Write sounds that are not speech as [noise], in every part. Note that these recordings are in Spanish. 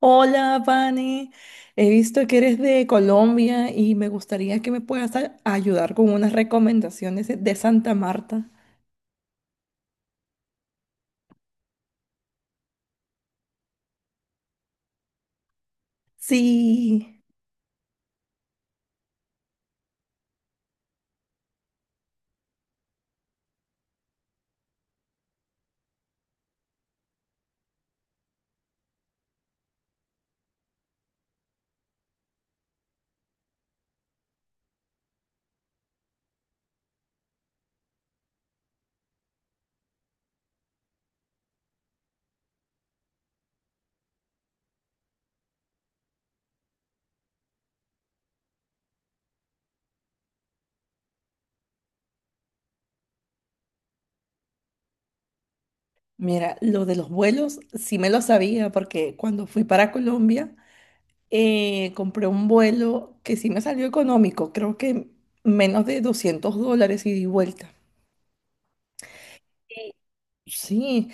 Hola, Vane. He visto que eres de Colombia y me gustaría que me puedas ayudar con unas recomendaciones de Santa Marta. Sí, mira, lo de los vuelos sí me lo sabía porque cuando fui para Colombia, compré un vuelo que sí me salió económico. Creo que menos de $200 ida y vuelta. Sí,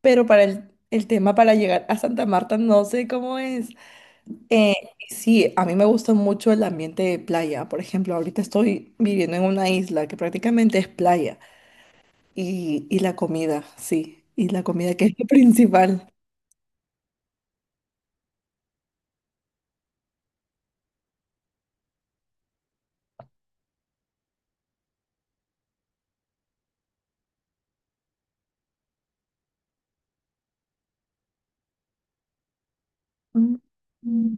pero para el tema para llegar a Santa Marta no sé cómo es. Eh, sí, a mí me gusta mucho el ambiente de playa. Por ejemplo, ahorita estoy viviendo en una isla que prácticamente es playa. Y la comida, sí. Y la comida que es lo [laughs] principal. Mm. Mm.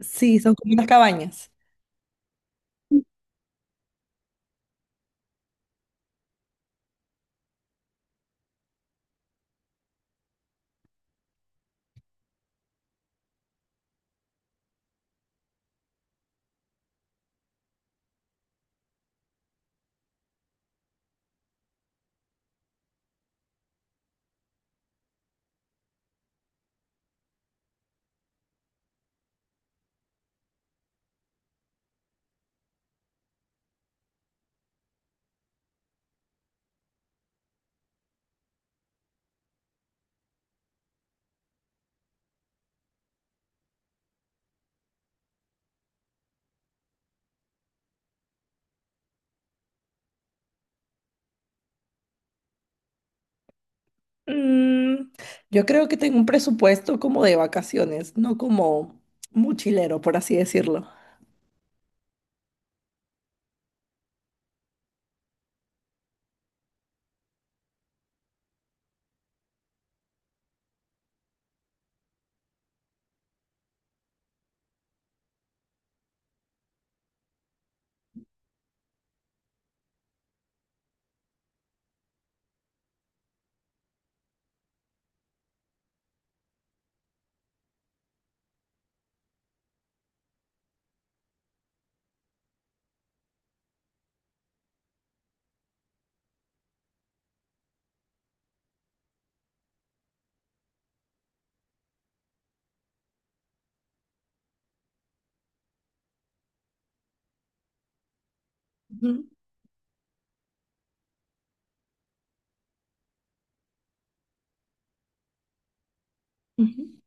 Sí, son como unas cabañas. Mm, yo creo que tengo un presupuesto como de vacaciones, no como mochilero, por así decirlo. Ujú, ujú.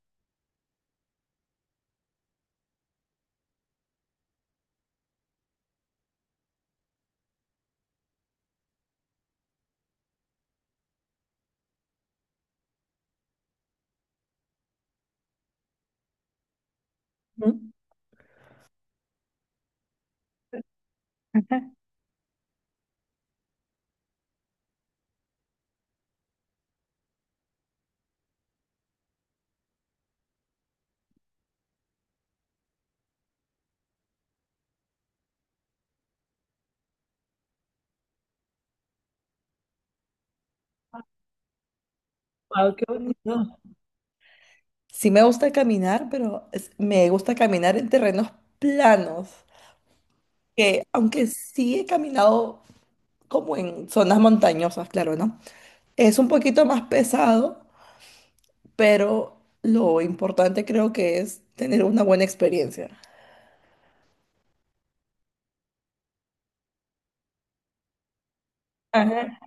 Mm. Ajá. Guau, qué bonito. Sí, me gusta caminar, pero me gusta caminar en terrenos planos. Que aunque sí he caminado como en zonas montañosas, claro, ¿no? Es un poquito más pesado, pero lo importante creo que es tener una buena experiencia. Ajá,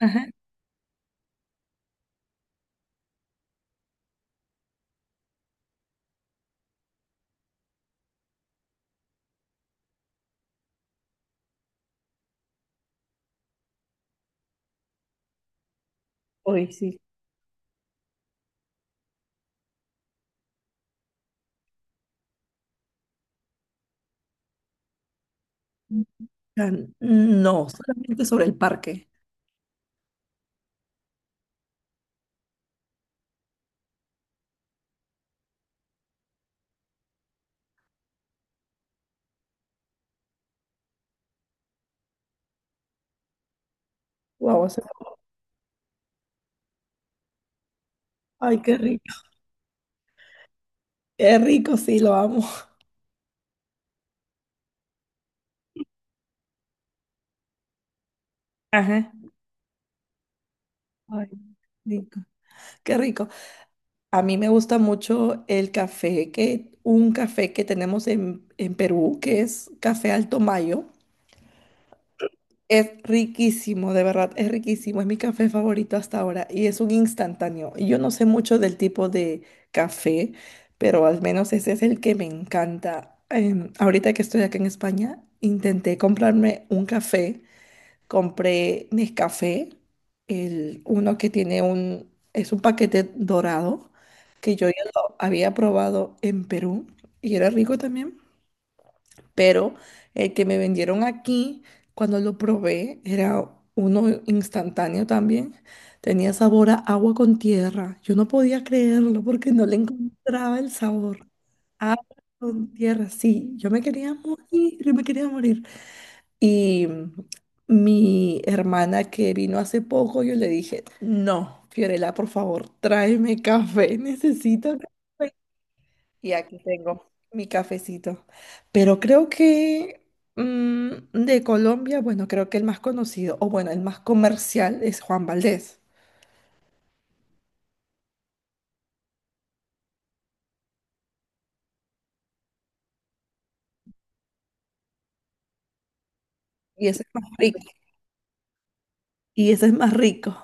ajá. Uy, sí. No, solamente sobre el parque. Wow, ay, qué rico. Qué rico, sí, lo amo. Ajá. Ay, rico. Qué rico. A mí me gusta mucho el café, que un café que tenemos en Perú, que es Café Alto Mayo. Es riquísimo, de verdad, es riquísimo. Es mi café favorito hasta ahora y es un instantáneo. Y yo no sé mucho del tipo de café, pero al menos ese es el que me encanta. Ahorita que estoy acá en España, intenté comprarme un café. Compré Nescafé, el uno que tiene un, es un paquete dorado que yo ya lo había probado en Perú y era rico también. Pero el que me vendieron aquí, cuando lo probé, era uno instantáneo también. Tenía sabor a agua con tierra. Yo no podía creerlo porque no le encontraba el sabor. Agua con tierra, sí. Yo me quería morir, yo me quería morir. Y mi hermana que vino hace poco, yo le dije: no, Fiorella, por favor, tráeme café, [laughs] necesito café. Y aquí tengo mi cafecito. Pero creo que de Colombia, bueno, creo que el más conocido, o bueno, el más comercial es Juan Valdez. Y ese es más rico. Y ese es más rico.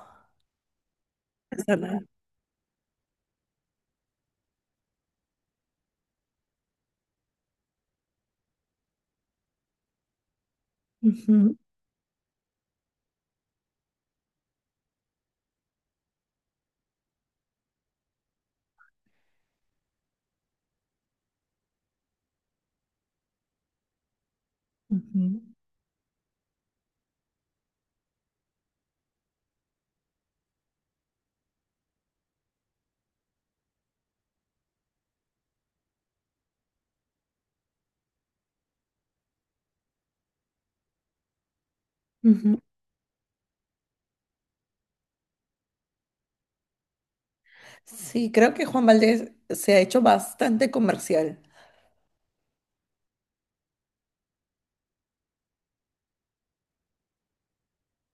Esa no. Ujú, ujú, ujú. Sí, creo que Juan Valdez se ha hecho bastante comercial.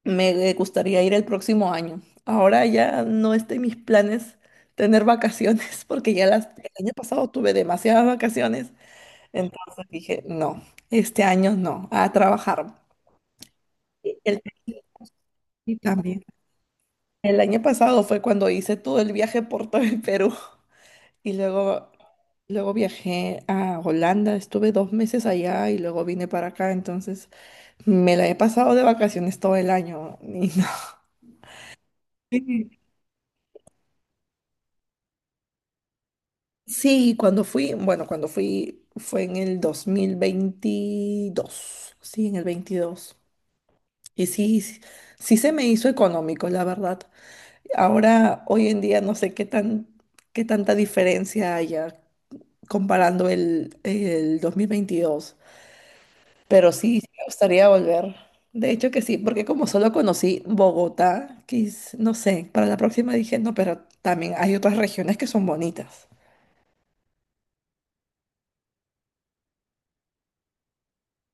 Me gustaría ir el próximo año. Ahora ya no está en mis planes tener vacaciones, [laughs] porque ya el año pasado tuve demasiadas vacaciones. Entonces dije, no, este año no, a trabajar. Y El, y también. El año pasado fue cuando hice todo el viaje por todo el Perú [laughs] y luego viajé a Holanda, estuve 2 meses allá y luego vine para acá. Entonces me la he pasado de vacaciones todo el año. [laughs] Y no. Sí, sí, cuando fui, bueno, cuando fui fue en el 2022, sí, en el veintidós. Y sí, sí, sí se me hizo económico, la verdad. Ahora, hoy en día, no sé qué tanta diferencia haya comparando el 2022. Pero sí, sí me gustaría volver. De hecho que sí, porque como solo conocí Bogotá, no sé, para la próxima dije, no, pero también hay otras regiones que son bonitas.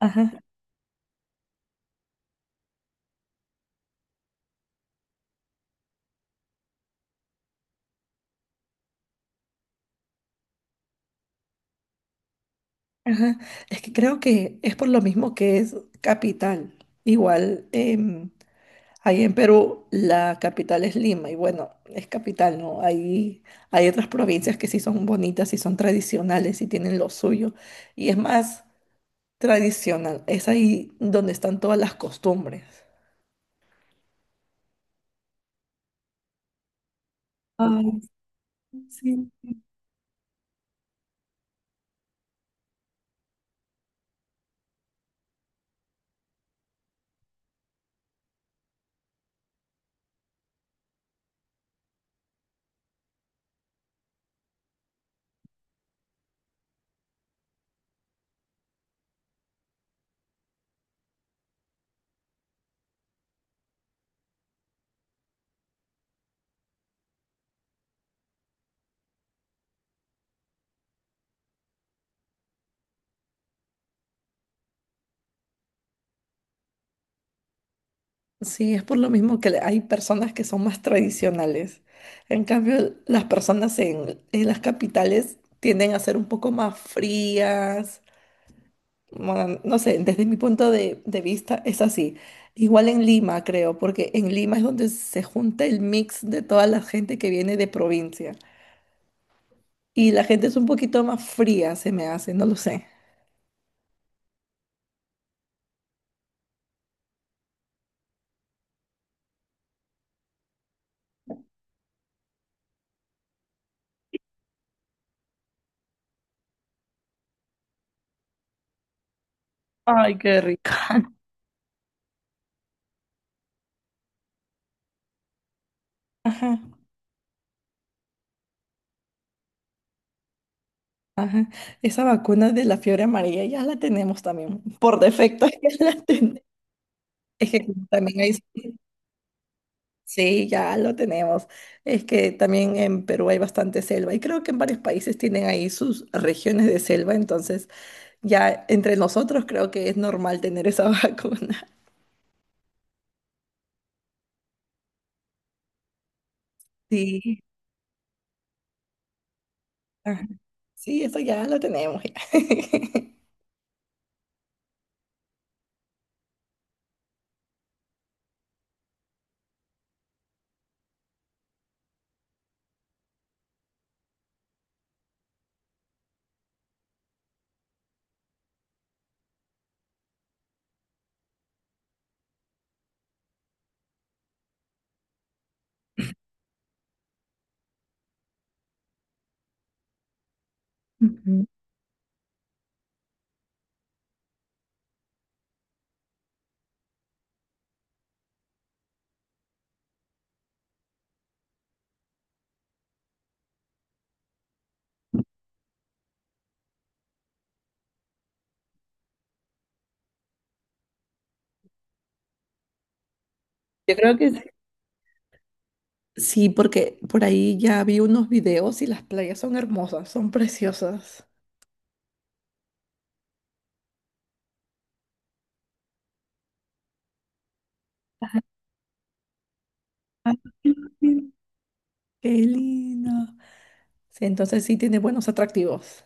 Ajá. Ajá. Es que creo que es por lo mismo que es capital. Igual, ahí en Perú la capital es Lima y bueno, es capital, ¿no? Ahí hay otras provincias que sí son bonitas y son tradicionales y tienen lo suyo. Y es más tradicional, es ahí donde están todas las costumbres. Ay, sí. Sí, es por lo mismo que hay personas que son más tradicionales. En cambio, las personas en las capitales tienden a ser un poco más frías. Bueno, no sé, desde mi punto de vista es así. Igual en Lima, creo, porque en Lima es donde se junta el mix de toda la gente que viene de provincia. Y la gente es un poquito más fría, se me hace, no lo sé. Ay, qué rico. Ajá, ajá. Esa vacuna de la fiebre amarilla ya la tenemos también. Por defecto [laughs] ya la tenemos. Es que como también hay, sí, ya lo tenemos. Es que también en Perú hay bastante selva y creo que en varios países tienen ahí sus regiones de selva, entonces ya entre nosotros creo que es normal tener esa [laughs] vacuna. Sí, ajá, sí, eso ya lo tenemos. Ya. [laughs] Ujú. Yo creo que sí. Sí, porque por ahí ya vi unos videos y las playas son hermosas, son preciosas. Ajá. Ay, qué lindo. Sí, entonces sí tiene buenos atractivos.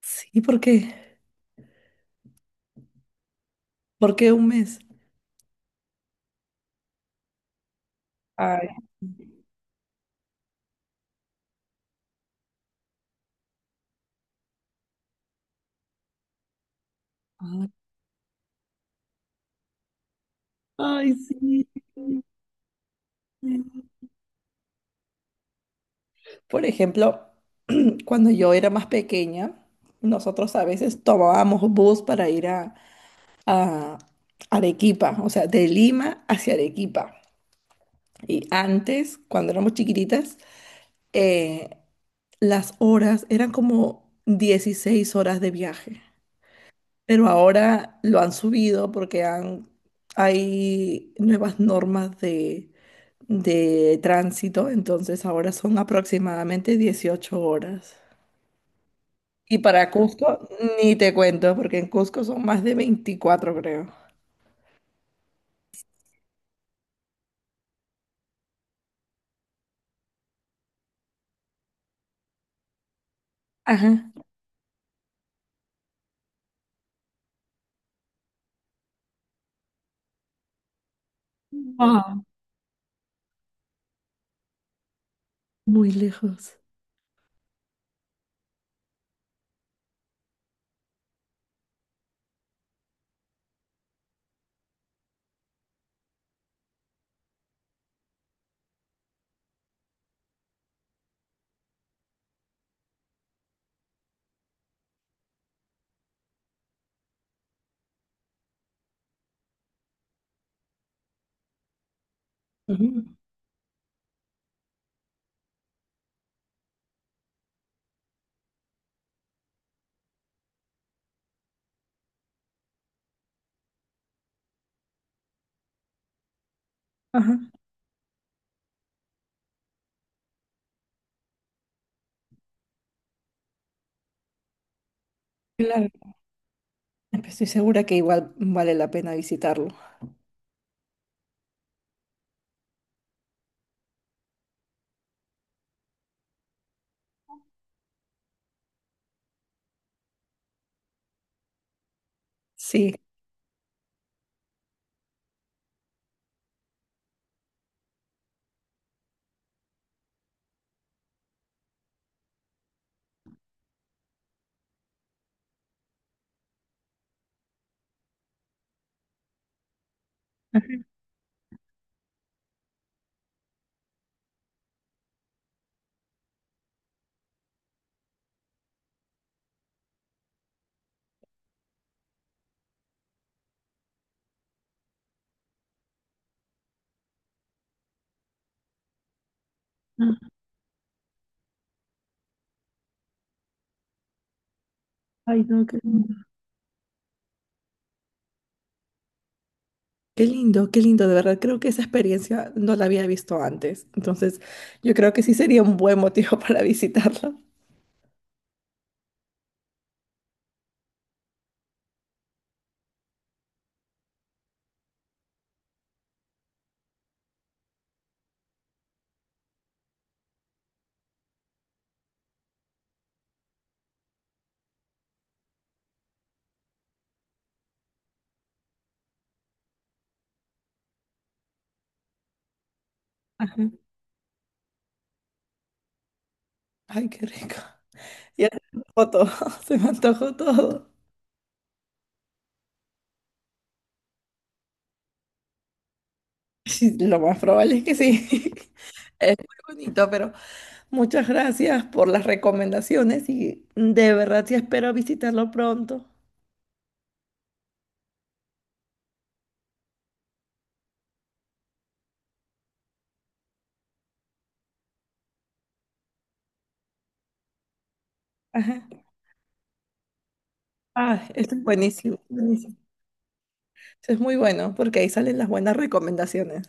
Sí, ¿por qué? ¿Por qué un mes? Ay, ay, ay, sí. Por ejemplo, cuando yo era más pequeña, nosotros a veces tomábamos bus para ir a Arequipa, o sea, de Lima hacia Arequipa. Y antes, cuando éramos chiquititas, eh, las horas eran como 16 horas de viaje. Pero ahora lo han subido porque hay nuevas normas de tránsito, entonces ahora son aproximadamente 18 horas. Y para Cusco, ni te cuento, porque en Cusco son más de 24, creo. Ajá. Wow, muy lejos. Ujú. Ajá. Claro. Estoy segura que igual vale la pena visitarlo. Sí. Ah. Ay, no, qué lindo. Qué lindo, qué lindo, de verdad. Creo que esa experiencia no la había visto antes. Entonces, yo creo que sí sería un buen motivo [laughs] para visitarlo. Ajá. Ay, qué rico. Ya se me antojó todo, [laughs] se me antojó todo. Sí, lo más probable es que sí. [laughs] Es muy bonito, pero muchas gracias por las recomendaciones y de verdad sí espero visitarlo pronto. Ajá. Ah, esto es buenísimo, buenísimo. Esto es muy bueno porque ahí salen las buenas recomendaciones.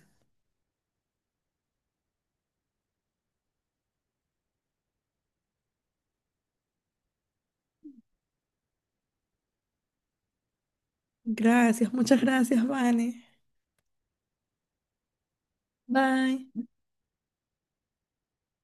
Gracias, muchas gracias, Vane. Bye.